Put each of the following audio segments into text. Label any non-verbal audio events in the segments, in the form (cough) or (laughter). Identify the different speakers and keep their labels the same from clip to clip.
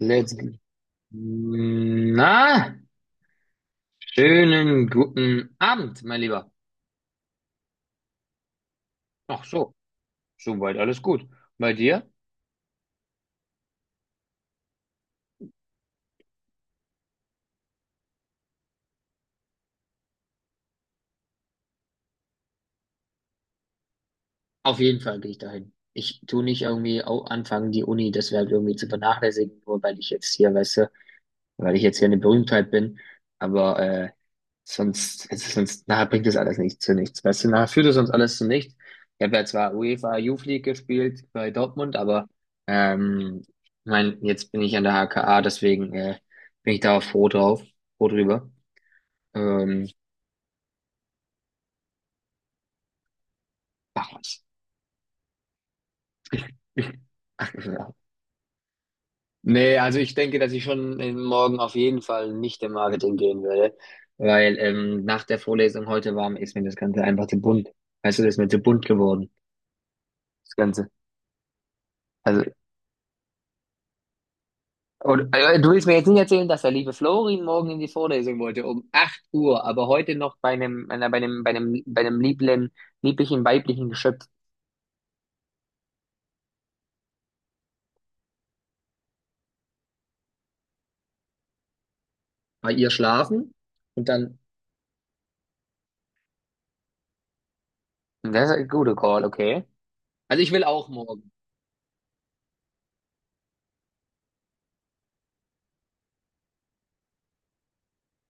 Speaker 1: Let's go. Na, schönen guten Abend, mein Lieber. Ach so, soweit alles gut. Bei dir? Auf jeden Fall gehe ich dahin. Ich tue nicht irgendwie anfangen, die Uni deshalb irgendwie zu vernachlässigen, nur weil ich jetzt hier, weißt du, weil ich jetzt hier eine Berühmtheit bin. Aber äh, Sonst, es ist sonst, nachher bringt es alles nicht zu nichts. Weißt du, nachher führt es uns alles zu nichts. Ich habe ja zwar UEFA Youth League gespielt bei Dortmund, aber ähm, ich mein, jetzt bin ich an der HKA, deswegen bin ich da auch froh drauf, froh drüber. Ähm, Ach was. (laughs) Ach, ja. Nee, also ich denke, dass ich schon morgen auf jeden Fall nicht im Marketing gehen werde, weil nach der Vorlesung heute war, ist mir das Ganze einfach zu bunt. Weißt du, das ist mir zu bunt geworden, das Ganze. Also. Und, du willst mir jetzt nicht erzählen, dass der liebe Florin morgen in die Vorlesung wollte, um 8 Uhr, aber heute noch bei einem, einer- bei einem, bei einem, bei einem lieblen, lieblichen weiblichen Geschöpf bei ihr schlafen, und dann, das ist ein guter Call, okay. Also ich will auch morgen.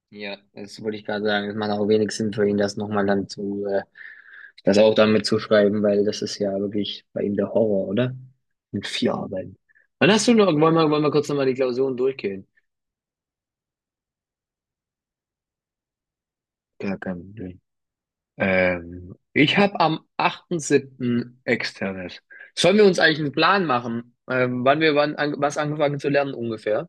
Speaker 1: Ja, das wollte ich gerade sagen. Es macht auch wenig Sinn für ihn, das nochmal dann das auch damit zu schreiben, weil das ist ja wirklich bei ihm der Horror, oder? Mit vier Arbeiten. Wann hast du noch, wollen wir kurz nochmal die Klausuren durchgehen? Gar kein Problem. Ich habe am 8.7. externes. Sollen wir uns eigentlich einen Plan machen, wann wir wann an, was angefangen zu lernen ungefähr?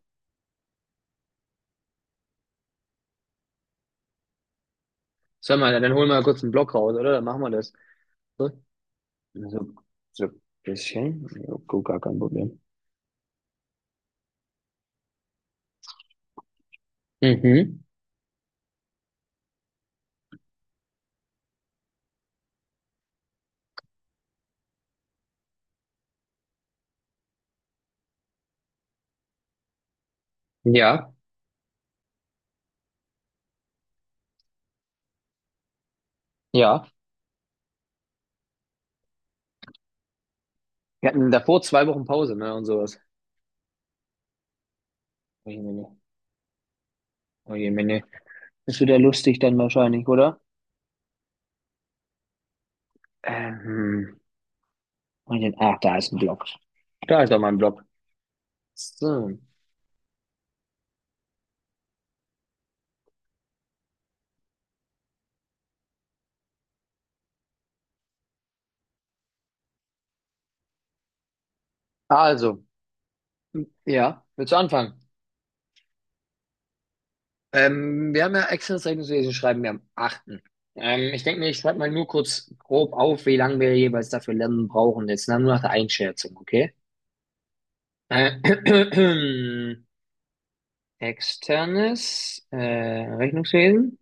Speaker 1: Sollen wir, dann holen wir mal kurz einen Block raus, oder? Dann machen wir das. So, so, so ein bisschen. Ja, gut, gar kein Problem. Mhm. Ja, ja. Wir hatten davor 2 Wochen Pause, ne, und sowas. Oje, Mene. Oje, Mene. Ist wieder lustig dann wahrscheinlich, oder? Ähm, und den, ach, da ist ein Block. Da ist doch mal ein Block. So. Also. Ja, willst du anfangen? Wir haben ja externes Rechnungswesen schreiben wir am achten. Ich denke mir, ich schreibe mal nur kurz grob auf, wie lange wir jeweils dafür lernen brauchen. Jetzt nur nach der Einschätzung, okay? Äh, (clears throat) Externes Rechnungswesen.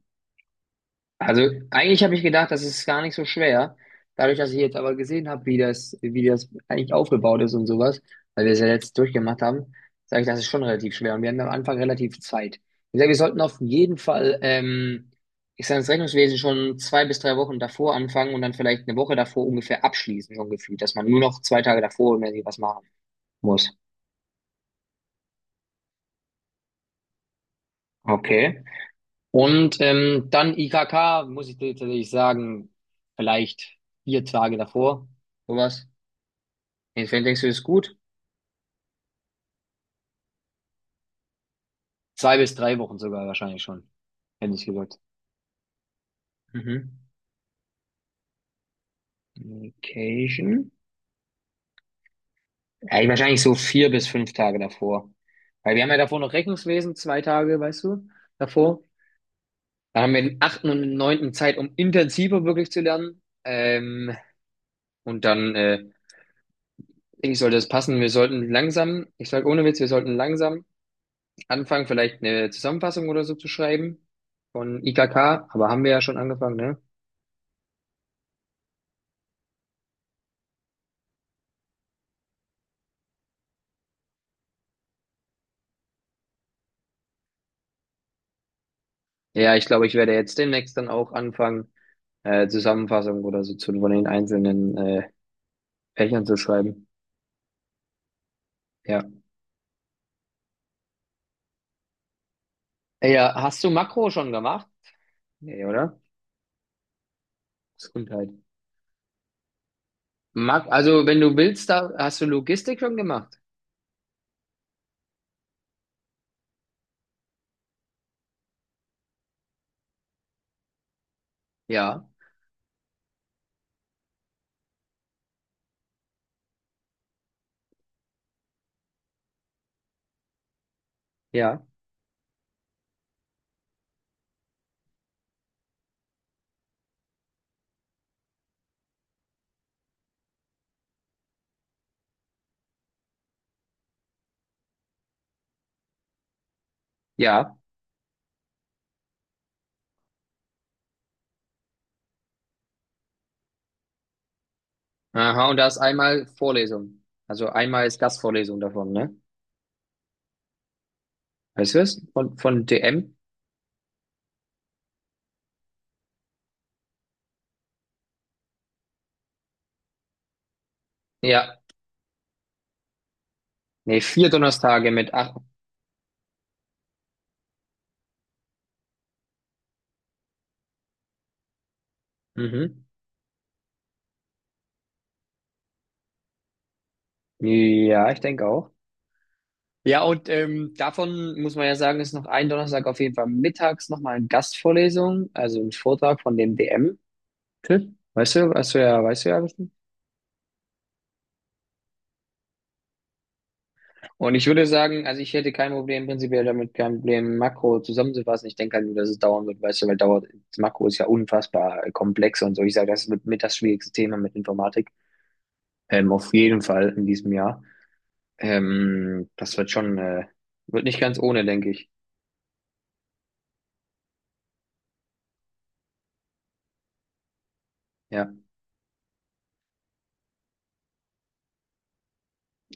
Speaker 1: Also eigentlich habe ich gedacht, das ist gar nicht so schwer. Dadurch, dass ich jetzt aber gesehen habe, wie das eigentlich aufgebaut ist und sowas, weil wir es ja jetzt durchgemacht haben, sage ich, das ist schon relativ schwer. Und wir hatten am Anfang relativ Zeit. Ich sage, wir sollten auf jeden Fall, ich sage, das Rechnungswesen schon 2 bis 3 Wochen davor anfangen und dann vielleicht eine Woche davor ungefähr abschließen, so ungefähr, dass man nur noch 2 Tage davor irgendwie was machen muss. Okay. Und dann IKK, muss ich dir tatsächlich sagen, vielleicht 4 Tage davor, sowas. Wie denkst du, das ist gut? 2 bis 3 Wochen sogar wahrscheinlich schon, hätte ich gesagt. Mhm. Vacation? Ja, wahrscheinlich so 4 bis 5 Tage davor. Weil wir haben ja davor noch Rechnungswesen, 2 Tage, weißt du, davor. Dann haben wir den 8. und 9. Zeit, um intensiver wirklich zu lernen. Und dann denke ich, sollte es passen. Wir sollten langsam, ich sage ohne Witz, wir sollten langsam anfangen, vielleicht eine Zusammenfassung oder so zu schreiben von IKK. Aber haben wir ja schon angefangen, ne? Ja, ich glaube, ich werde jetzt demnächst dann auch anfangen, Zusammenfassung oder so zu von den einzelnen Fächern zu schreiben. Ja. Ja, hast du Makro schon gemacht? Nee, oder? Gesundheit. Mak also, wenn du willst, da hast du Logistik schon gemacht? Ja, ja, ja. Aha, und da ist einmal Vorlesung. Also einmal ist Gastvorlesung davon, ne? Weißt du es? Von DM? Ja. Nee, 4 Donnerstage mit acht. Mhm. Ja, ich denke auch. Ja, und davon muss man ja sagen, ist noch ein Donnerstag auf jeden Fall mittags nochmal eine Gastvorlesung, also ein Vortrag von dem DM-Typ. Weißt du ja bestimmt. Und ich würde sagen, also ich hätte kein Problem, prinzipiell damit kein Problem, Makro zusammenzufassen. Ich denke halt nur, dass es dauern wird, weißt du, weil dauert, das Makro ist ja unfassbar komplex und so. Ich sage, das wird mit das schwierigste Thema mit Informatik. Auf jeden Fall in diesem Jahr. Das wird nicht ganz ohne, denke ich. Ja,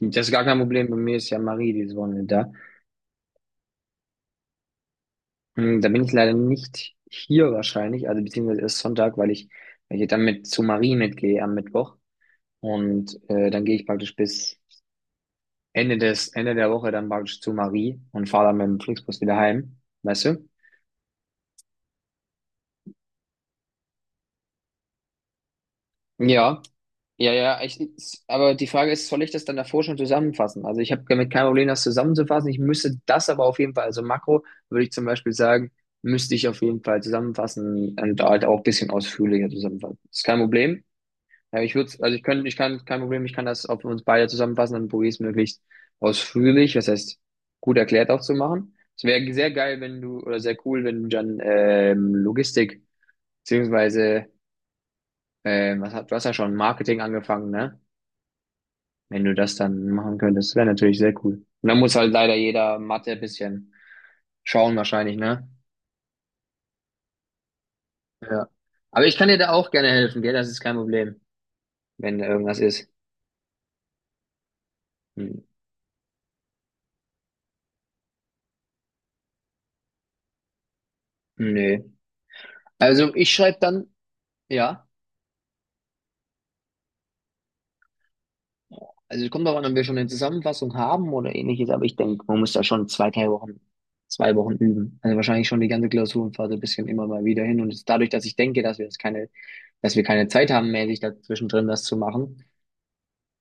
Speaker 1: das ist gar kein Problem. Bei mir ist ja Marie dieses Wochenende da. Da bin ich leider nicht hier wahrscheinlich, also beziehungsweise erst Sonntag, weil ich dann mit zu Marie mitgehe am Mittwoch. Und dann gehe ich praktisch bis Ende des, Ende der Woche dann praktisch zu Marie und fahre dann mit dem Flixbus wieder heim. Weißt du? Ja, ja, ja. Ich, aber die Frage ist, soll ich das dann davor schon zusammenfassen? Also ich habe damit kein Problem, das zusammenzufassen. Ich müsste das aber auf jeden Fall, also Makro würde ich zum Beispiel sagen, müsste ich auf jeden Fall zusammenfassen und halt auch ein bisschen ausführlicher zusammenfassen. Ist kein Problem. Ja, ich würde, also ich könnte, ich kann, kein Problem, ich kann das auf uns beide zusammenfassen, dann probiere ich es möglichst ausführlich, was heißt gut erklärt auch zu machen. Es wäre sehr geil, wenn du, oder sehr cool, wenn du dann Logistik, beziehungsweise, was hat, du hast ja schon Marketing angefangen, ne? Wenn du das dann machen könntest, wäre natürlich sehr cool. Und dann muss halt leider jeder Mathe ein bisschen schauen wahrscheinlich, ne? Ja. Aber ich kann dir da auch gerne helfen, gell? Das ist kein Problem, wenn da irgendwas ist. Hm. Nee. Also ich schreibe dann, ja. Also es kommt darauf an, ob wir schon eine Zusammenfassung haben oder ähnliches, aber ich denke, man muss da schon 2, 3 Wochen, 2 Wochen üben. Also wahrscheinlich schon die ganze Klausurenphase ein bisschen immer mal wieder hin. Und es- dadurch, dass ich denke, dass wir keine Zeit haben, mäßig dazwischen drin das zu machen,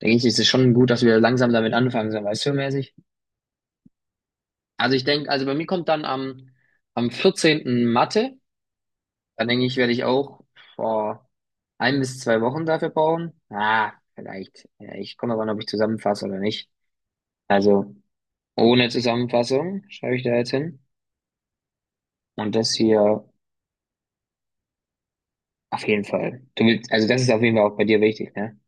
Speaker 1: denke ich, ist es schon gut, dass wir langsam damit anfangen, so weißt du, mäßig. Also ich denke, also bei mir kommt dann am vierzehnten Mathe. Dann denke ich, werde ich auch vor 1 bis 2 Wochen dafür brauchen. Ah, vielleicht. Ja, ich komme aber an, ob ich zusammenfasse oder nicht. Also. Ohne Zusammenfassung schreibe ich da jetzt hin. Und das hier auf jeden Fall. Du willst, also das ist auf jeden Fall auch bei dir wichtig, ne?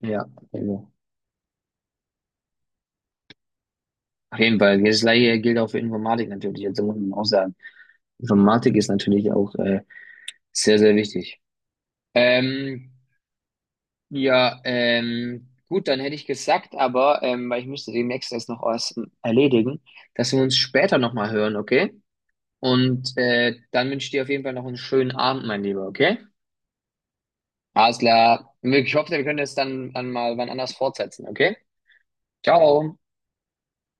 Speaker 1: Ja. Also, auf jeden Fall. Das gleiche gilt auch für Informatik natürlich. Also muss man auch sagen. Informatik ist natürlich auch sehr, sehr wichtig. Ähm, ja, gut, dann hätte ich gesagt, aber weil ich müsste demnächst das noch was erledigen, dass wir uns später nochmal hören, okay? Und dann wünsche ich dir auf jeden Fall noch einen schönen Abend, mein Lieber, okay? Alles klar. Ich hoffe, wir können es dann mal wann anders fortsetzen, okay? Ciao.